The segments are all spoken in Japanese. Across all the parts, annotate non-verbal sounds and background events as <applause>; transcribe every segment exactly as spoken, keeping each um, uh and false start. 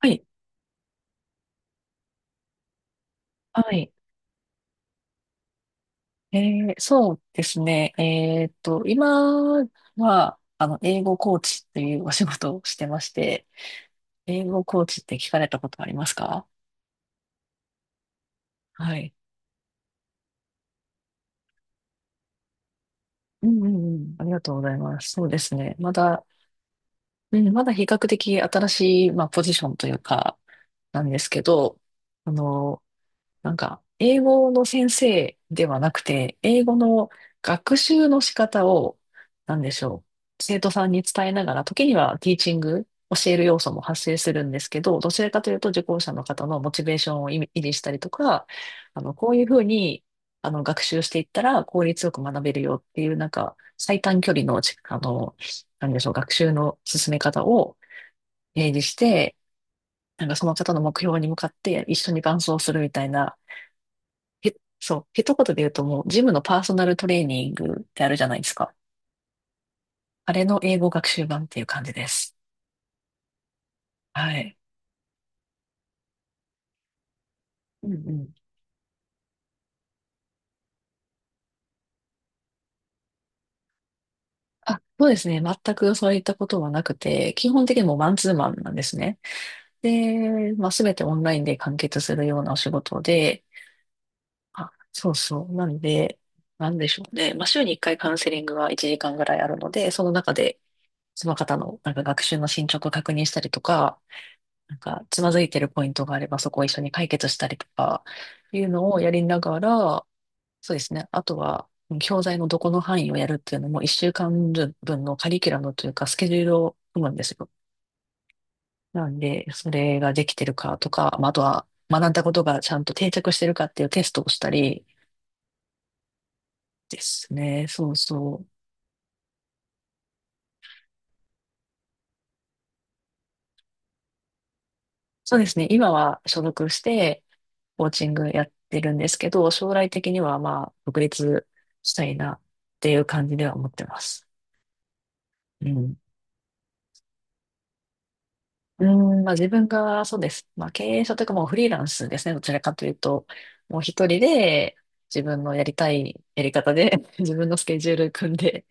はい、はい。えーそうですね。えーっと、今は、あの、英語コーチっていうお仕事をしてまして、英語コーチって聞かれたことありますか？はい。うんうんうん。ありがとうございます。そうですね。まだ、うん、まだ比較的新しい、まあ、ポジションというか、なんですけど、あの、なんか、英語の先生ではなくて、英語の学習の仕方を、なんでしょう、生徒さんに伝えながら、時にはティーチング、教える要素も発生するんですけど、どちらかというと受講者の方のモチベーションを維持したりとか、あの、こういうふうに、あの、学習していったら効率よく学べるよっていう、なんか、最短距離のち、あの、なんでしょう、学習の進め方を提示して、なんかその方の目標に向かって一緒に伴走するみたいな、へ、そう、一言で言うともう、ジムのパーソナルトレーニングってあるじゃないですか。あれの英語学習版っていう感じです。はい。うんうん。あ、そうですね。全くそういったことはなくて、基本的にもうマンツーマンなんですね。で、まあ、すべてオンラインで完結するようなお仕事で、あ、そうそう。なんで、なんでしょうね。まあ、週にいっかいカウンセリングがいちじかんぐらいあるので、その中で、その方のなんか学習の進捗を確認したりとか、なんか、つまずいてるポイントがあれば、そこを一緒に解決したりとか、いうのをやりながら、そうですね。あとは、うん教材のどこの範囲をやるっていうのも、一週間分のカリキュラムというか、スケジュールを組むんですよ。なんで、それができてるかとか、まああとは、学んだことがちゃんと定着してるかっていうテストをしたりですね。そうそう。そうですね。今は所属してコーチングやってるんですけど、将来的にはまあ、独立したいなっていう感じでは思ってます。うん。うん、まあ自分がそうです。まあ経営者というかもうフリーランスですね。どちらかというと、もう一人で自分のやりたいやり方で <laughs> 自分のスケジュール組んで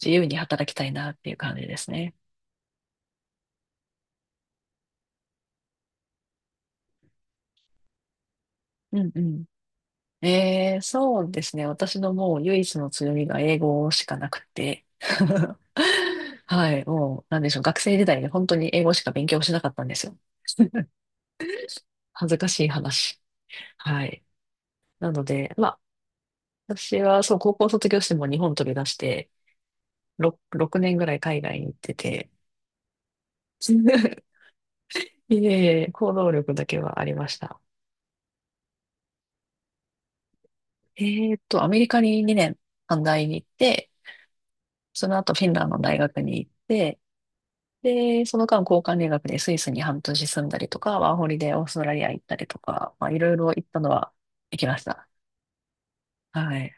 自由に働きたいなっていう感じですね。うんうん。えー、そうですね。私のもう唯一の強みが英語しかなくて。<laughs> はい。もう、なんでしょう。学生時代に本当に英語しか勉強しなかったんですよ。恥ずかしい話。はい。なので、まあ、私はそう、高校卒業しても日本飛び出して、ろく、ろくねんぐらい海外に行ってて、<laughs> いえいえ、行動力だけはありました。えーっと、アメリカににねん短大に行って、その後フィンランドの大学に行って、で、その間交換留学でスイスに半年住んだりとか、ワーホリでオーストラリア行ったりとか、まあいろいろ行ったのは行きました。はい。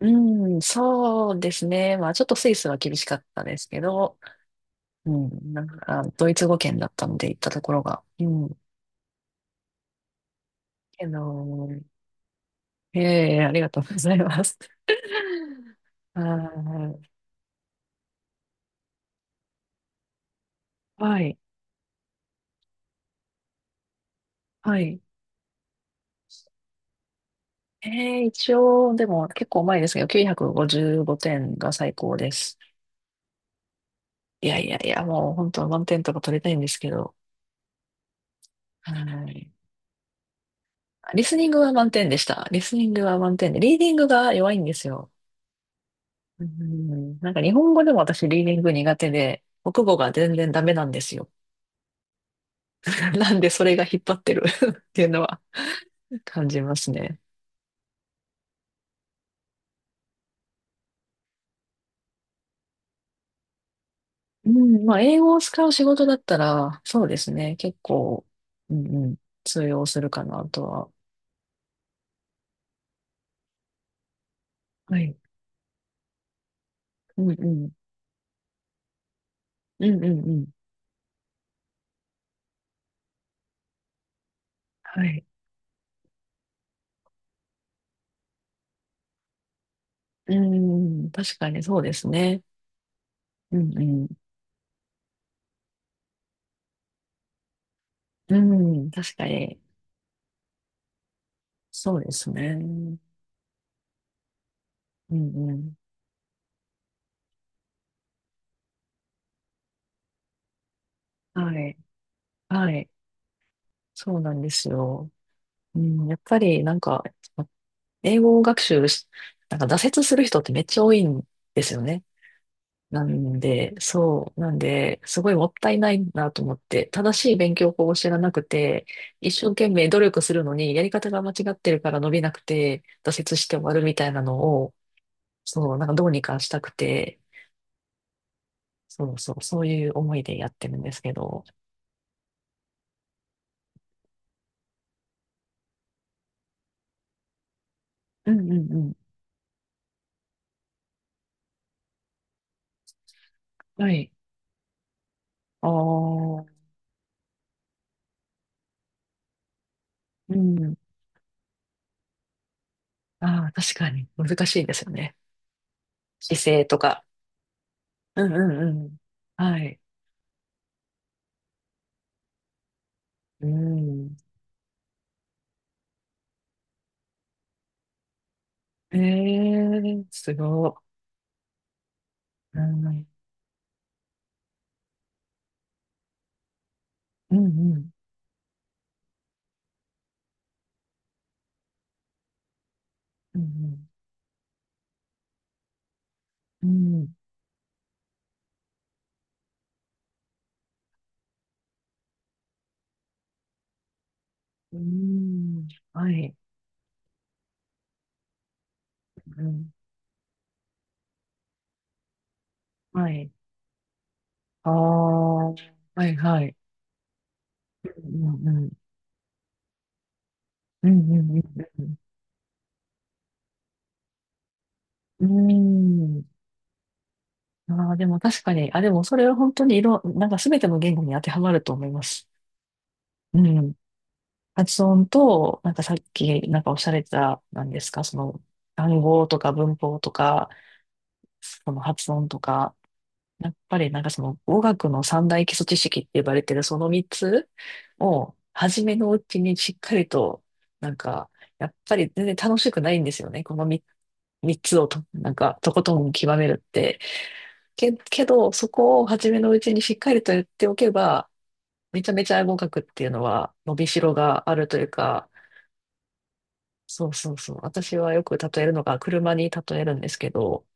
うん、そうですね。まあちょっとスイスは厳しかったですけど、うん、なんかドイツ語圏だったので行ったところが、うん。けど、ええ、ありがとうございます。<laughs> あー、はい、はい。ええ、一応、でも結構前ですけど、きゅうひゃくごじゅうごてんが最高です。いやいやいや、もう本当は満点とか取りたいんですけど、はい。リスニングは満点でした。リスニングは満点で、リーディングが弱いんですよ。うん、なんか日本語でも私リーディング苦手で、国語が全然ダメなんですよ。<laughs> なんでそれが引っ張ってる <laughs> っていうのは感じますね。うん、まあ、英語を使う仕事だったら、そうですね。結構、うんうん、通用するかなとは。はい。うんうん。うんうんうん。はい。うん、確かにそうですね。うんうん。うん、確かに。そうですね。うんうん。はい。はい。そうなんですよ。うん、やっぱりなんか、英語学習し、なんか挫折する人ってめっちゃ多いんですよね。なんで、そう、なんで、すごいもったいないなと思って、正しい勉強法を知らなくて、一生懸命努力するのに、やり方が間違ってるから伸びなくて、挫折して終わるみたいなのを、そう、なんかどうにかしたくて、そうそう、そういう思いでやってるんですけど。うんうんうん。はい。ああ、うん。ああ、確かに難しいですよね。姿勢とか。うんうんうん。はい。うん。ええすごい。うんうんうん。うんうん。うん。うんはい。うん。はい。ああ。はいはい。うんうん。うんうんうんうん。うーん。ああ、でも確かに、あ、でもそれは本当にいろ、なんか全ての言語に当てはまると思います。うん。発音と、なんかさっき、なんかおっしゃられてた、なんですか、その、単語とか文法とか、その発音とか、やっぱりなんかその語学の三大基礎知識って呼ばれてるその三つを初めのうちにしっかりと、なんかやっぱり全然楽しくないんですよね。この三、三つをと、なんかとことん極めるって。け、けどそこを初めのうちにしっかりとやっておけばめちゃめちゃ語学っていうのは伸びしろがあるというか、そうそうそう。私はよく例えるのが車に例えるんですけど、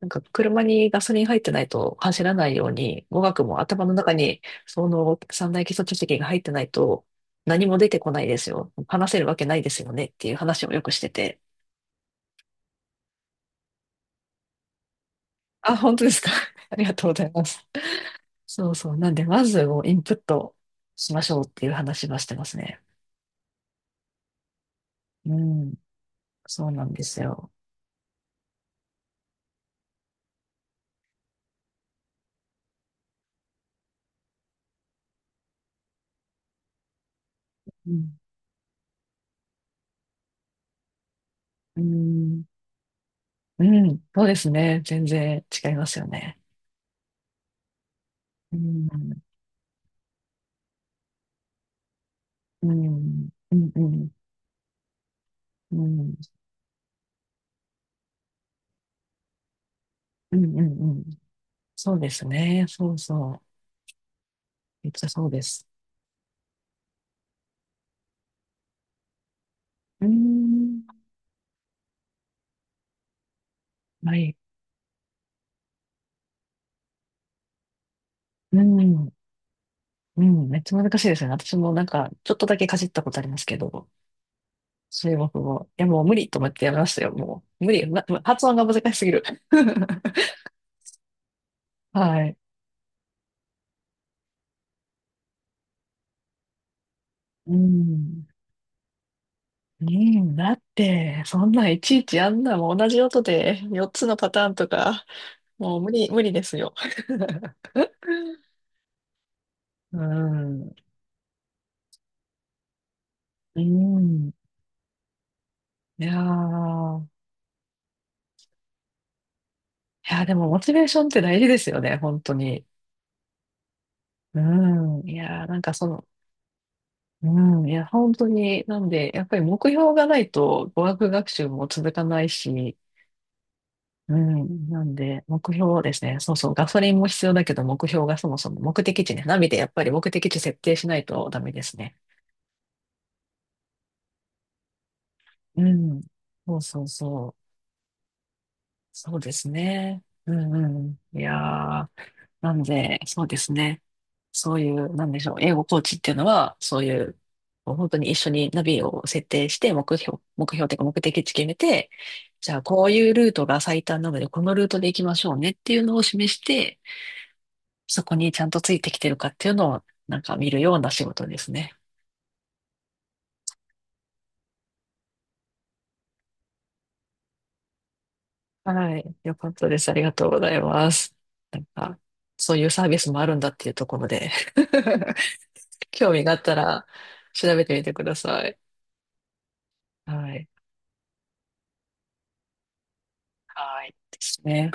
なんか車にガソリン入ってないと走らないように、語学も頭の中にその三大基礎知識が入ってないと何も出てこないですよ。話せるわけないですよねっていう話をよくしてて。あ、本当ですか。<laughs> ありがとうございます。そうそう。なんで、まずをインプットしましょうっていう話はしてますね。うん。そうなんですよ。うん。うん。うん。そうですね。全然違いますよね。うん。うん。うん。うん。うん。うん。うん。うん。そうですね。そうそう。めっちゃそうです。うーん。はい。うん。うん。めっちゃ難しいですよね。私もなんか、ちょっとだけかじったことありますけど、中国語。いや、もう無理と思ってやめましたよ。もう、無理。な発音が難しすぎる。<laughs> はい。うん。うん、だって、そんなんいちいちあんなもん同じ音でよっつのパターンとか、もう無理、無理ですよ。<laughs> うん。うん。いやー、いや、でもモチベーションって大事ですよね、本当に。うん。いや、なんかその、うん。いや、本当に、なんで、やっぱり目標がないと語学学習も続かないし、うん。なんで、目標ですね。そうそう。ガソリンも必要だけど、目標がそもそも目的地ね。ナビでやっぱり目的地設定しないとダメですね。うん。そうそうそう。そうですね。うんうん。いやー、なんで、そうですね。そういう、なんでしょう。英語コーチっていうのは、そういう、もう本当に一緒にナビを設定して、目標、目標というか目的地決めて、じゃあこういうルートが最短なので、このルートで行きましょうねっていうのを示して、そこにちゃんとついてきてるかっていうのを、なんか見るような仕事ですね。はい。よかったです。ありがとうございます。なんか、そういうサービスもあるんだっていうところで <laughs> 興味があったら、調べてみてください。はい。はい。ですね。